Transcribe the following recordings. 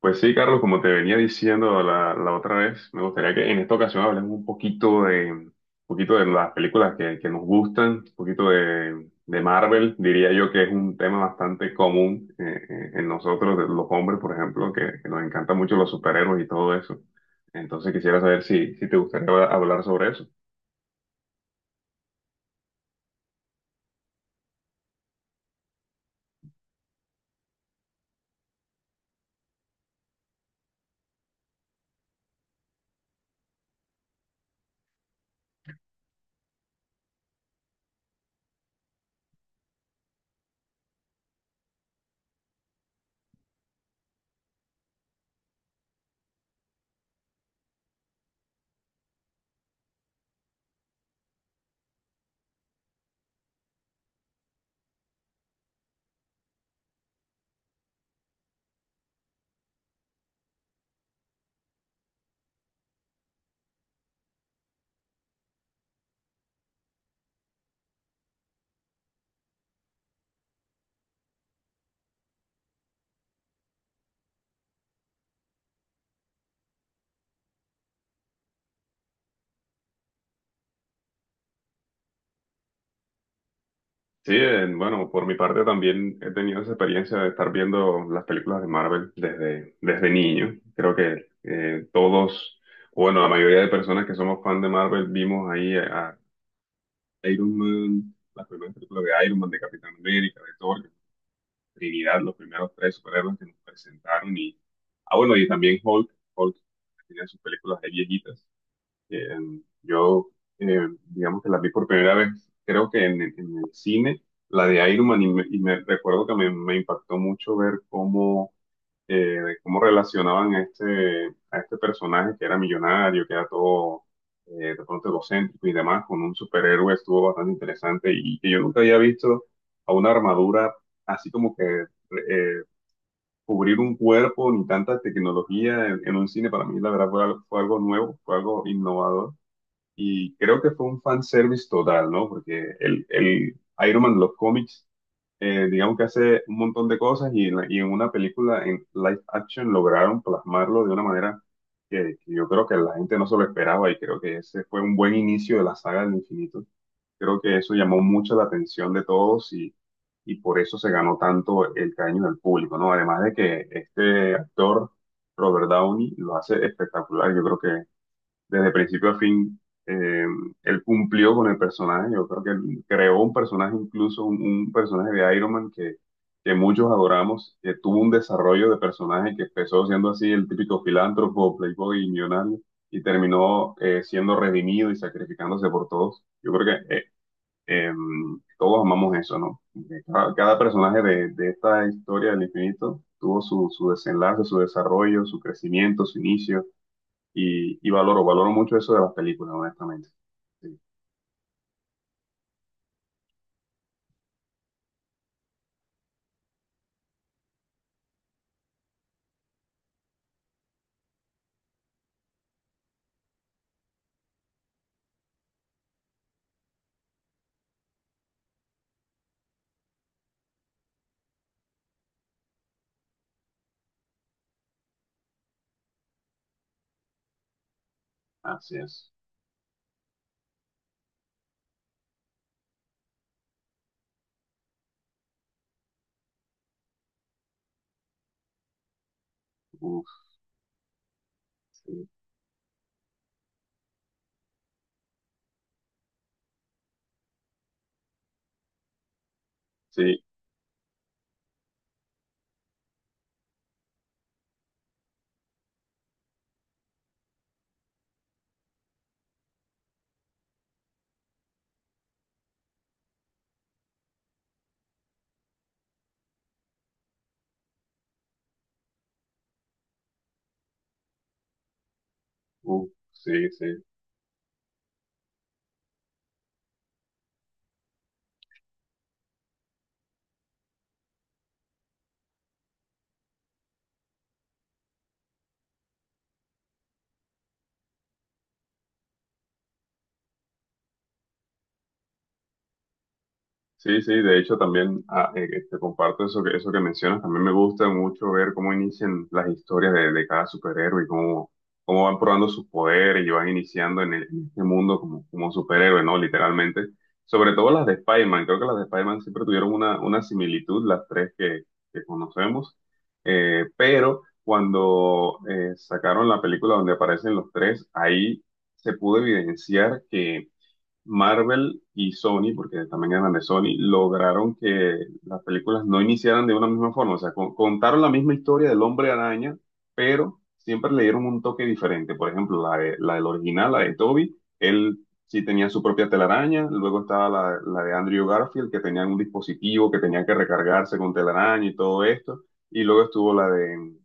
Pues sí, Carlos, como te venía diciendo la otra vez, me gustaría que en esta ocasión hablemos un poquito un poquito de las películas que nos gustan, un poquito de Marvel, diría yo que es un tema bastante común en nosotros, de los hombres, por ejemplo, que nos encantan mucho los superhéroes y todo eso. Entonces quisiera saber si te gustaría hablar sobre eso. Sí, bueno, por mi parte también he tenido esa experiencia de estar viendo las películas de Marvel desde niño. Creo que todos, o bueno, la mayoría de personas que somos fan de Marvel vimos ahí a Iron Man, las primeras películas de Iron Man, de Capitán América, de Thor, Trinidad, los primeros tres superhéroes que nos presentaron. Y, bueno, y también Hulk, Hulk tenía sus películas de viejitas. Eh, yo, digamos que la vi por primera vez, creo que en el cine, la de Iron Man, y me recuerdo que me impactó mucho ver cómo, cómo relacionaban a este personaje que era millonario, que era todo de pronto egocéntrico y demás, con un superhéroe, estuvo bastante interesante y que yo nunca había visto a una armadura así como que eh, cubrir un cuerpo ni tanta tecnología en un cine, para mí la verdad fue fue algo nuevo, fue algo innovador y creo que fue un fanservice total, ¿no? Porque el Iron Man de los cómics, digamos que hace un montón de cosas y en una película en live action lograron plasmarlo de una manera que yo creo que la gente no se lo esperaba y creo que ese fue un buen inicio de la saga del infinito. Creo que eso llamó mucho la atención de todos y por eso se ganó tanto el cariño del público, ¿no? Además de que este actor, Robert Downey, lo hace espectacular. Yo creo que desde principio a fin, eh, él cumplió con el personaje. Yo creo que él creó un personaje, incluso un personaje de Iron Man que muchos adoramos, que tuvo un desarrollo de personaje que empezó siendo así el típico filántropo, playboy y millonario, y terminó siendo redimido y sacrificándose por todos. Yo creo que eh, todos amamos eso, ¿no? Que cada personaje de esta historia del infinito tuvo su desenlace, su desarrollo, su crecimiento, su inicio y valoro, valoro mucho eso de las películas, honestamente. Sí, así es. Uf, sí, sí. Uf, sí, sí. Sí, sí, de hecho también te comparto eso eso que mencionas. También me gusta mucho ver cómo inician las historias de cada superhéroe y cómo van probando sus poderes y van iniciando en, en este mundo como, superhéroe, ¿no? Literalmente. Sobre todo las de Spider-Man. Creo que las de Spider-Man siempre tuvieron una similitud, las tres que conocemos. Pero cuando sacaron la película donde aparecen los tres, ahí se pudo evidenciar que Marvel y Sony, porque también eran de Sony, lograron que las películas no iniciaran de una misma forma. O sea, contaron la misma historia del Hombre Araña, pero siempre le dieron un toque diferente. Por ejemplo, la del original, la de Toby, él sí tenía su propia telaraña. Luego estaba la de Andrew Garfield, que tenía un dispositivo que tenía que recargarse con telaraña y todo esto. Y luego estuvo la de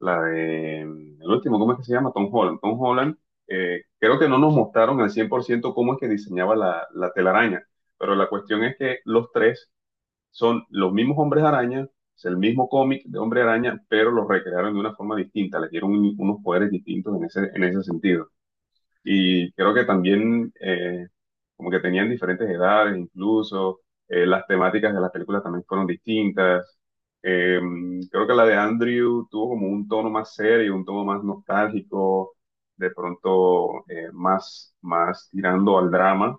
la de, mm, el último, ¿cómo es que se llama? Tom Holland. Tom Holland, creo que no nos mostraron al 100% cómo es que diseñaba la telaraña, pero la cuestión es que los tres son los mismos hombres araña, es el mismo cómic de hombre araña, pero los recrearon de una forma distinta, les dieron unos poderes distintos en ese sentido. Y creo que también como que tenían diferentes edades incluso, las temáticas de las películas también fueron distintas. Eh, creo que la de Andrew tuvo como un tono más serio, un tono más nostálgico, de pronto más tirando al drama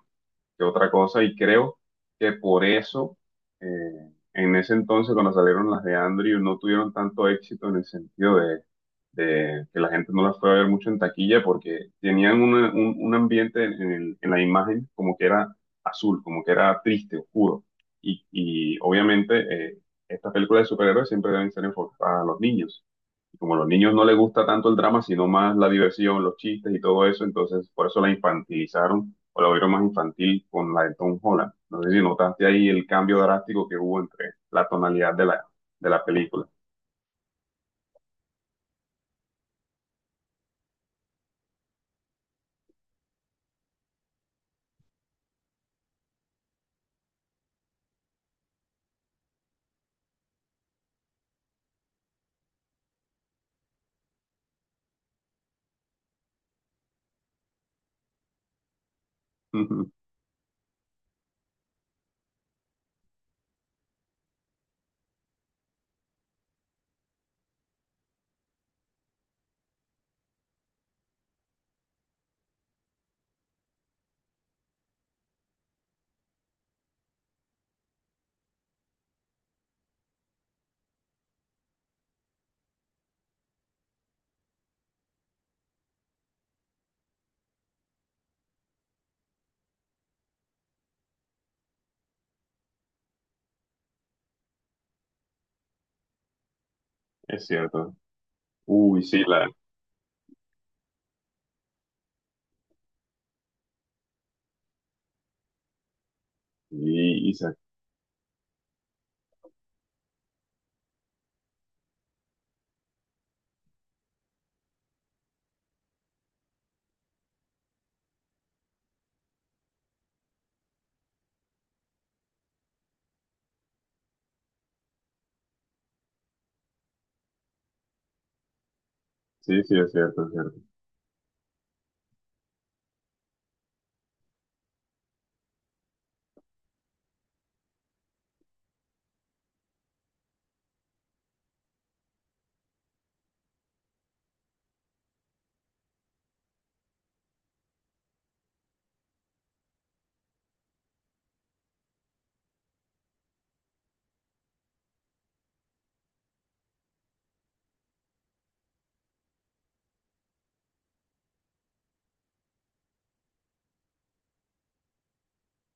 que otra cosa y creo que por eso en ese entonces cuando salieron las de Andrew no tuvieron tanto éxito en el sentido de que la gente no las fue a ver mucho en taquilla porque tenían un ambiente en, en la imagen como que era azul, como que era triste, oscuro y obviamente estas películas de superhéroes siempre deben ser enfocadas a los niños. Y como a los niños no les gusta tanto el drama, sino más la diversión, los chistes y todo eso, entonces por eso la infantilizaron o lo vieron más infantil con la de Tom Holland. No sé si notaste ahí el cambio drástico que hubo entre la tonalidad de de la película. Es cierto. Uy, sí, la. Y, y se- sí, sí, es cierto, es cierto.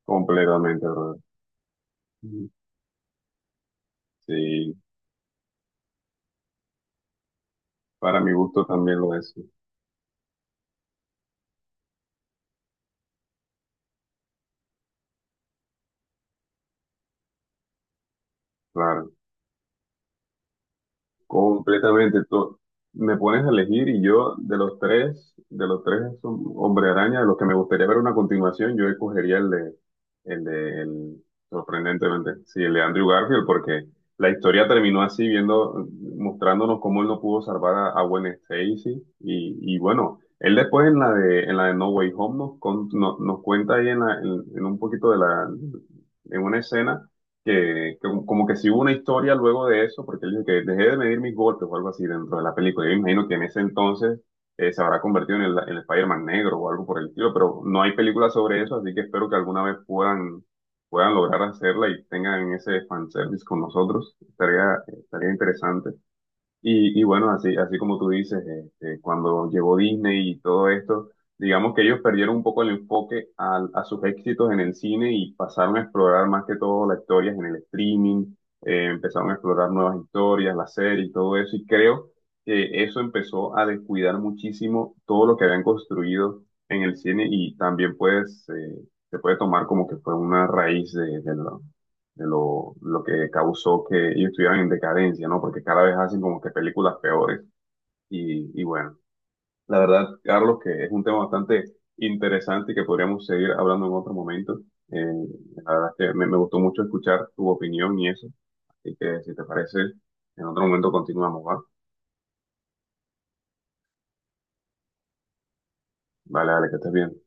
Completamente, brother. Sí, para mi gusto también lo es. Claro. Completamente. Tú me pones a elegir y yo de los tres, Hombre Araña, de los que me gustaría ver una continuación, yo escogería el de, el- sorprendentemente, sí, el de Andrew Garfield, porque la historia terminó así, viendo, mostrándonos cómo él no pudo salvar a Gwen Stacy y bueno, él después en la de No Way Home nos, con- no- nos cuenta ahí en, en un poquito de la, en una escena que como que si hubo una historia luego de eso, porque él dijo que dejé de medir mis golpes o algo así dentro de la película. Yo me imagino que en ese entonces se habrá convertido en el Spider-Man negro o algo por el estilo, pero no hay película sobre eso, así que espero que alguna vez puedan, puedan lograr hacerla y tengan ese fanservice con nosotros. Estaría, estaría interesante. Y bueno, así, así como tú dices, cuando llegó Disney y todo esto, digamos que ellos perdieron un poco el enfoque sus éxitos en el cine y pasaron a explorar más que todo las historias en el streaming, empezaron a explorar nuevas historias, la serie y todo eso. Y creo que eso empezó a descuidar muchísimo todo lo que habían construido en el cine y también pues se puede tomar como que fue una raíz de lo que causó que ellos estuvieran en decadencia, ¿no? Porque cada vez hacen como que películas peores. Y bueno, la verdad, Carlos, que es un tema bastante interesante y que podríamos seguir hablando en otro momento. Eh, la verdad es que me gustó mucho escuchar tu opinión y eso. Así que si te parece, en otro momento continuamos, ¿va? Vale, dale que estés bien.